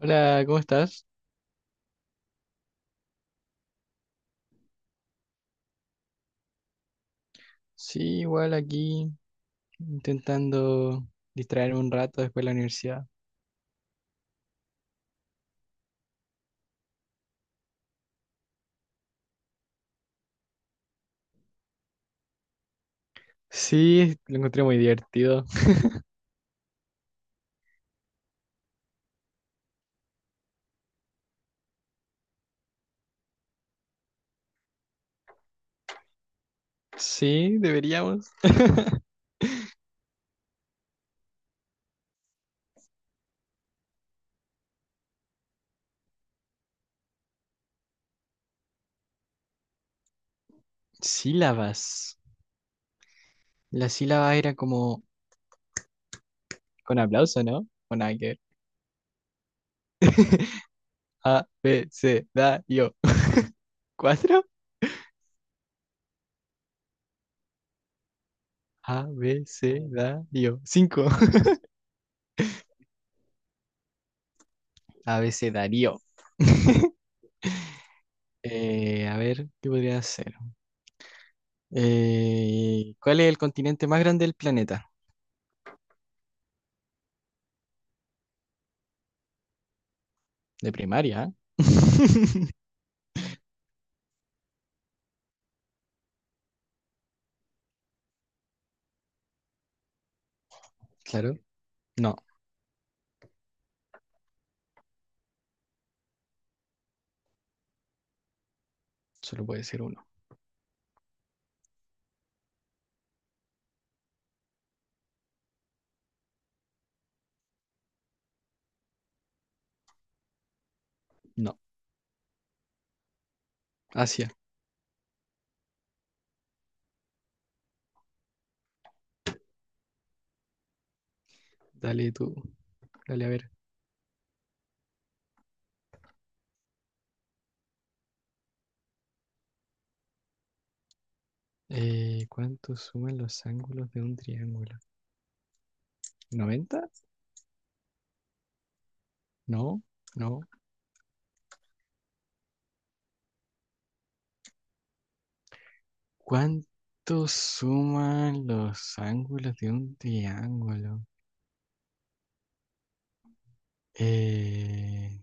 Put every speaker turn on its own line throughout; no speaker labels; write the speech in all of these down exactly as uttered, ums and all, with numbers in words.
Hola, ¿cómo estás? Sí, igual aquí intentando distraerme un rato después de la universidad. Sí, lo encontré muy divertido. Sí, deberíamos. Sílabas. La sílaba era como con aplauso, ¿no? O nada que ver. A, B, C, da, yo. ¿Cuatro? A, B, C, da, yo. Cinco. A, B, C, darío. Eh, a ver, ¿qué podría hacer? Eh, ¿cuál es el continente más grande del planeta? De primaria. ¿Eh? Claro. No, solo puede ser uno. No. Asia, dale tú. Dale a ver. Eh, ¿cuánto suman los ángulos de un triángulo? ¿Noventa? No, no. ¿Cuánto suman los ángulos de un triángulo? Eh,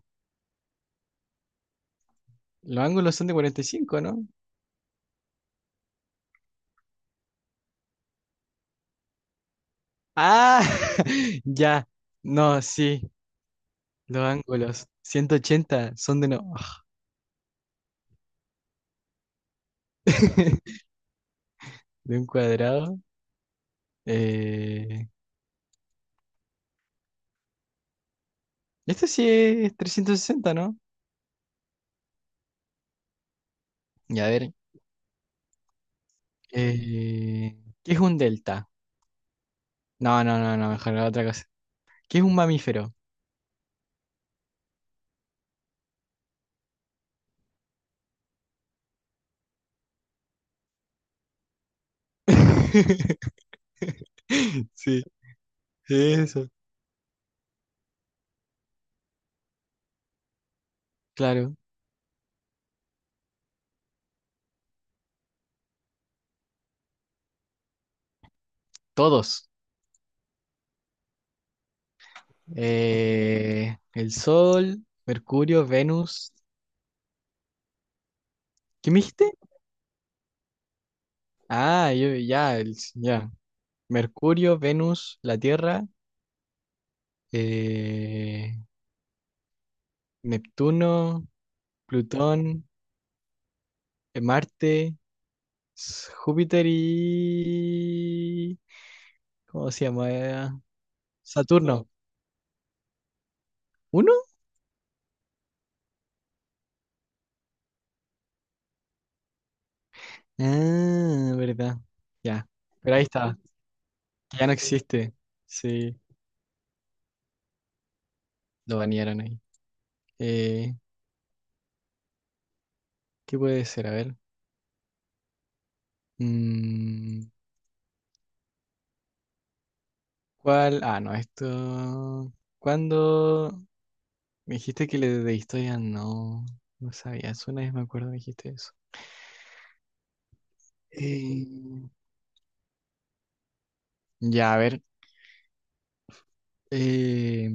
los ángulos son de cuarenta y cinco, ¿no? Ah, ya. No, sí. Los ángulos, ciento ochenta, son de no. De un cuadrado. Eh, Este sí es trescientos sesenta, ¿no? Y a ver, eh, ¿qué es un delta? No, no, no, no, mejor la otra cosa. ¿Qué es un mamífero? Sí, eso. Claro, todos. Eh, el Sol, Mercurio, Venus. ¿Qué me dijiste? Ah, yo, ya, el- ya. Mercurio, Venus, la Tierra, eh, Neptuno, Plutón, eh, Marte. S- Júpiter y... ¿Cómo se llama? Uno. Saturno. ¿Uno? Ah, verdad. Ya. Pero ahí, ah, está. Que ya no, sí, existe. Sí, lo banearon ahí. Eh, ¿Qué puede ser? A ver. Mm, ¿Cuál? Ah, no, esto. ¿Cuándo? Me dijiste que le de historia no. No sabía, una vez me acuerdo me dijiste eso. Eh, ya, a ver. Eh,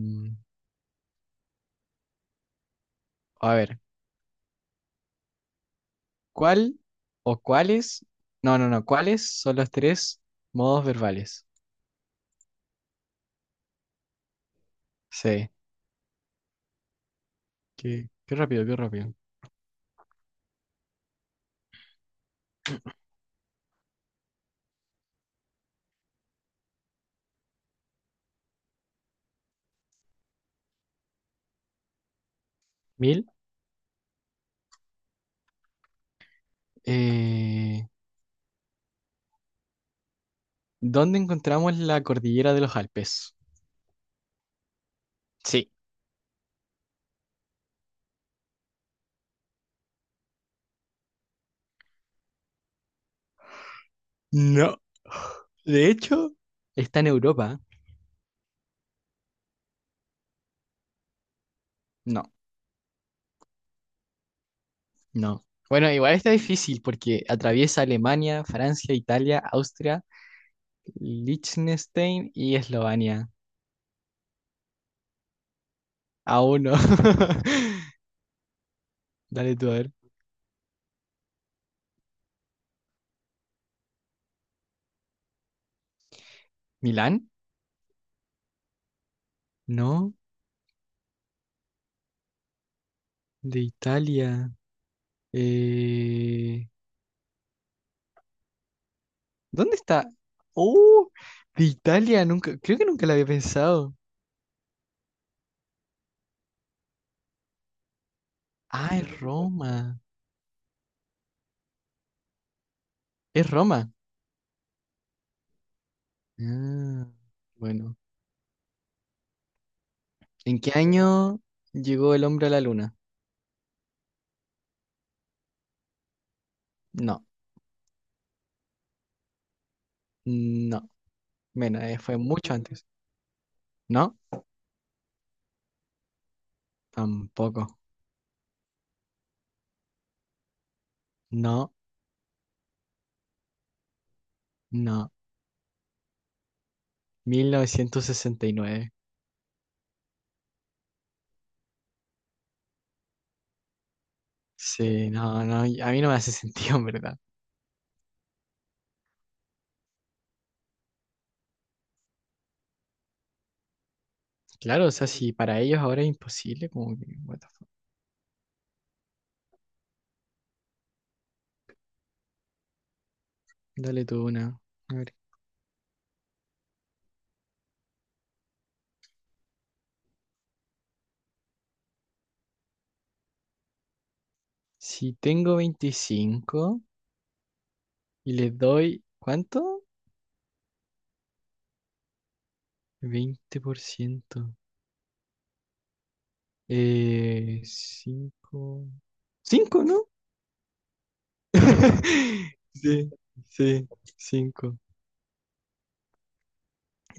a ver. ¿Cuál o cuáles? No, no, no. ¿Cuáles son los tres modos verbales? Sí. Qué, qué rápido, qué rápido. Mil. eh, ¿Dónde encontramos la cordillera de los Alpes? Sí. No. De hecho, está en Europa. No, no. Bueno, igual está difícil porque atraviesa Alemania, Francia, Italia, Austria, Liechtenstein y Eslovenia. Aún no. Dale tú a ver. ¿Milán? No, de Italia. Eh, ¿Dónde está? ¡Oh! De Italia, nunca, creo que nunca la había pensado. Ah, es Roma. Es Roma. Ah, bueno. ¿En qué año llegó el hombre a la luna? No, no. Menos, eh, fue mucho antes. No, tampoco. No, no. Mil novecientos sesenta y nueve. Sí, no, no, y a mí no me hace sentido, en verdad. Claro, o sea, si para ellos ahora es imposible, como que, what the fuck. Dale tú una. A ver. Si tengo veinticinco y le doy, ¿cuánto? Veinte por ciento. Eh, cinco, cinco, ¿no? Sí, sí, cinco.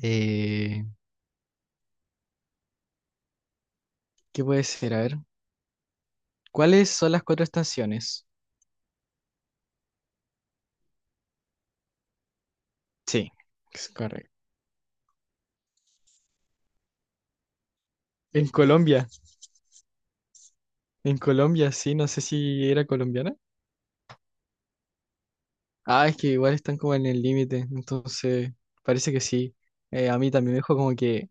Eh, ¿Qué puede ser? A ver, ¿cuáles son las cuatro estaciones? Sí, es correcto. En Colombia, en Colombia, sí, no sé si era colombiana. Ah, es que igual están como en el límite, entonces parece que sí. Eh, a mí también me dijo como que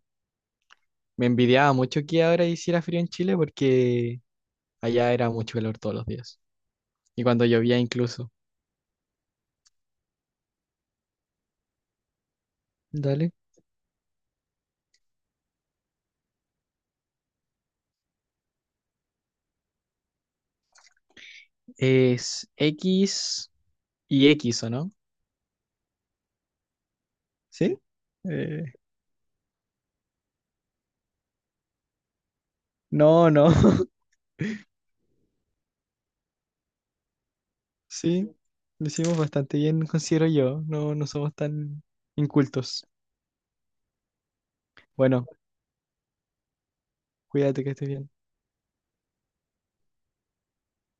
me envidiaba mucho que ahora hiciera frío en Chile porque allá era mucho calor todos los días. Y cuando llovía incluso. Dale. Es equis y equis, ¿o no? ¿Sí? Eh, no, no. Sí, lo hicimos bastante bien, considero yo. No, no somos tan incultos. Bueno, cuídate que estés bien.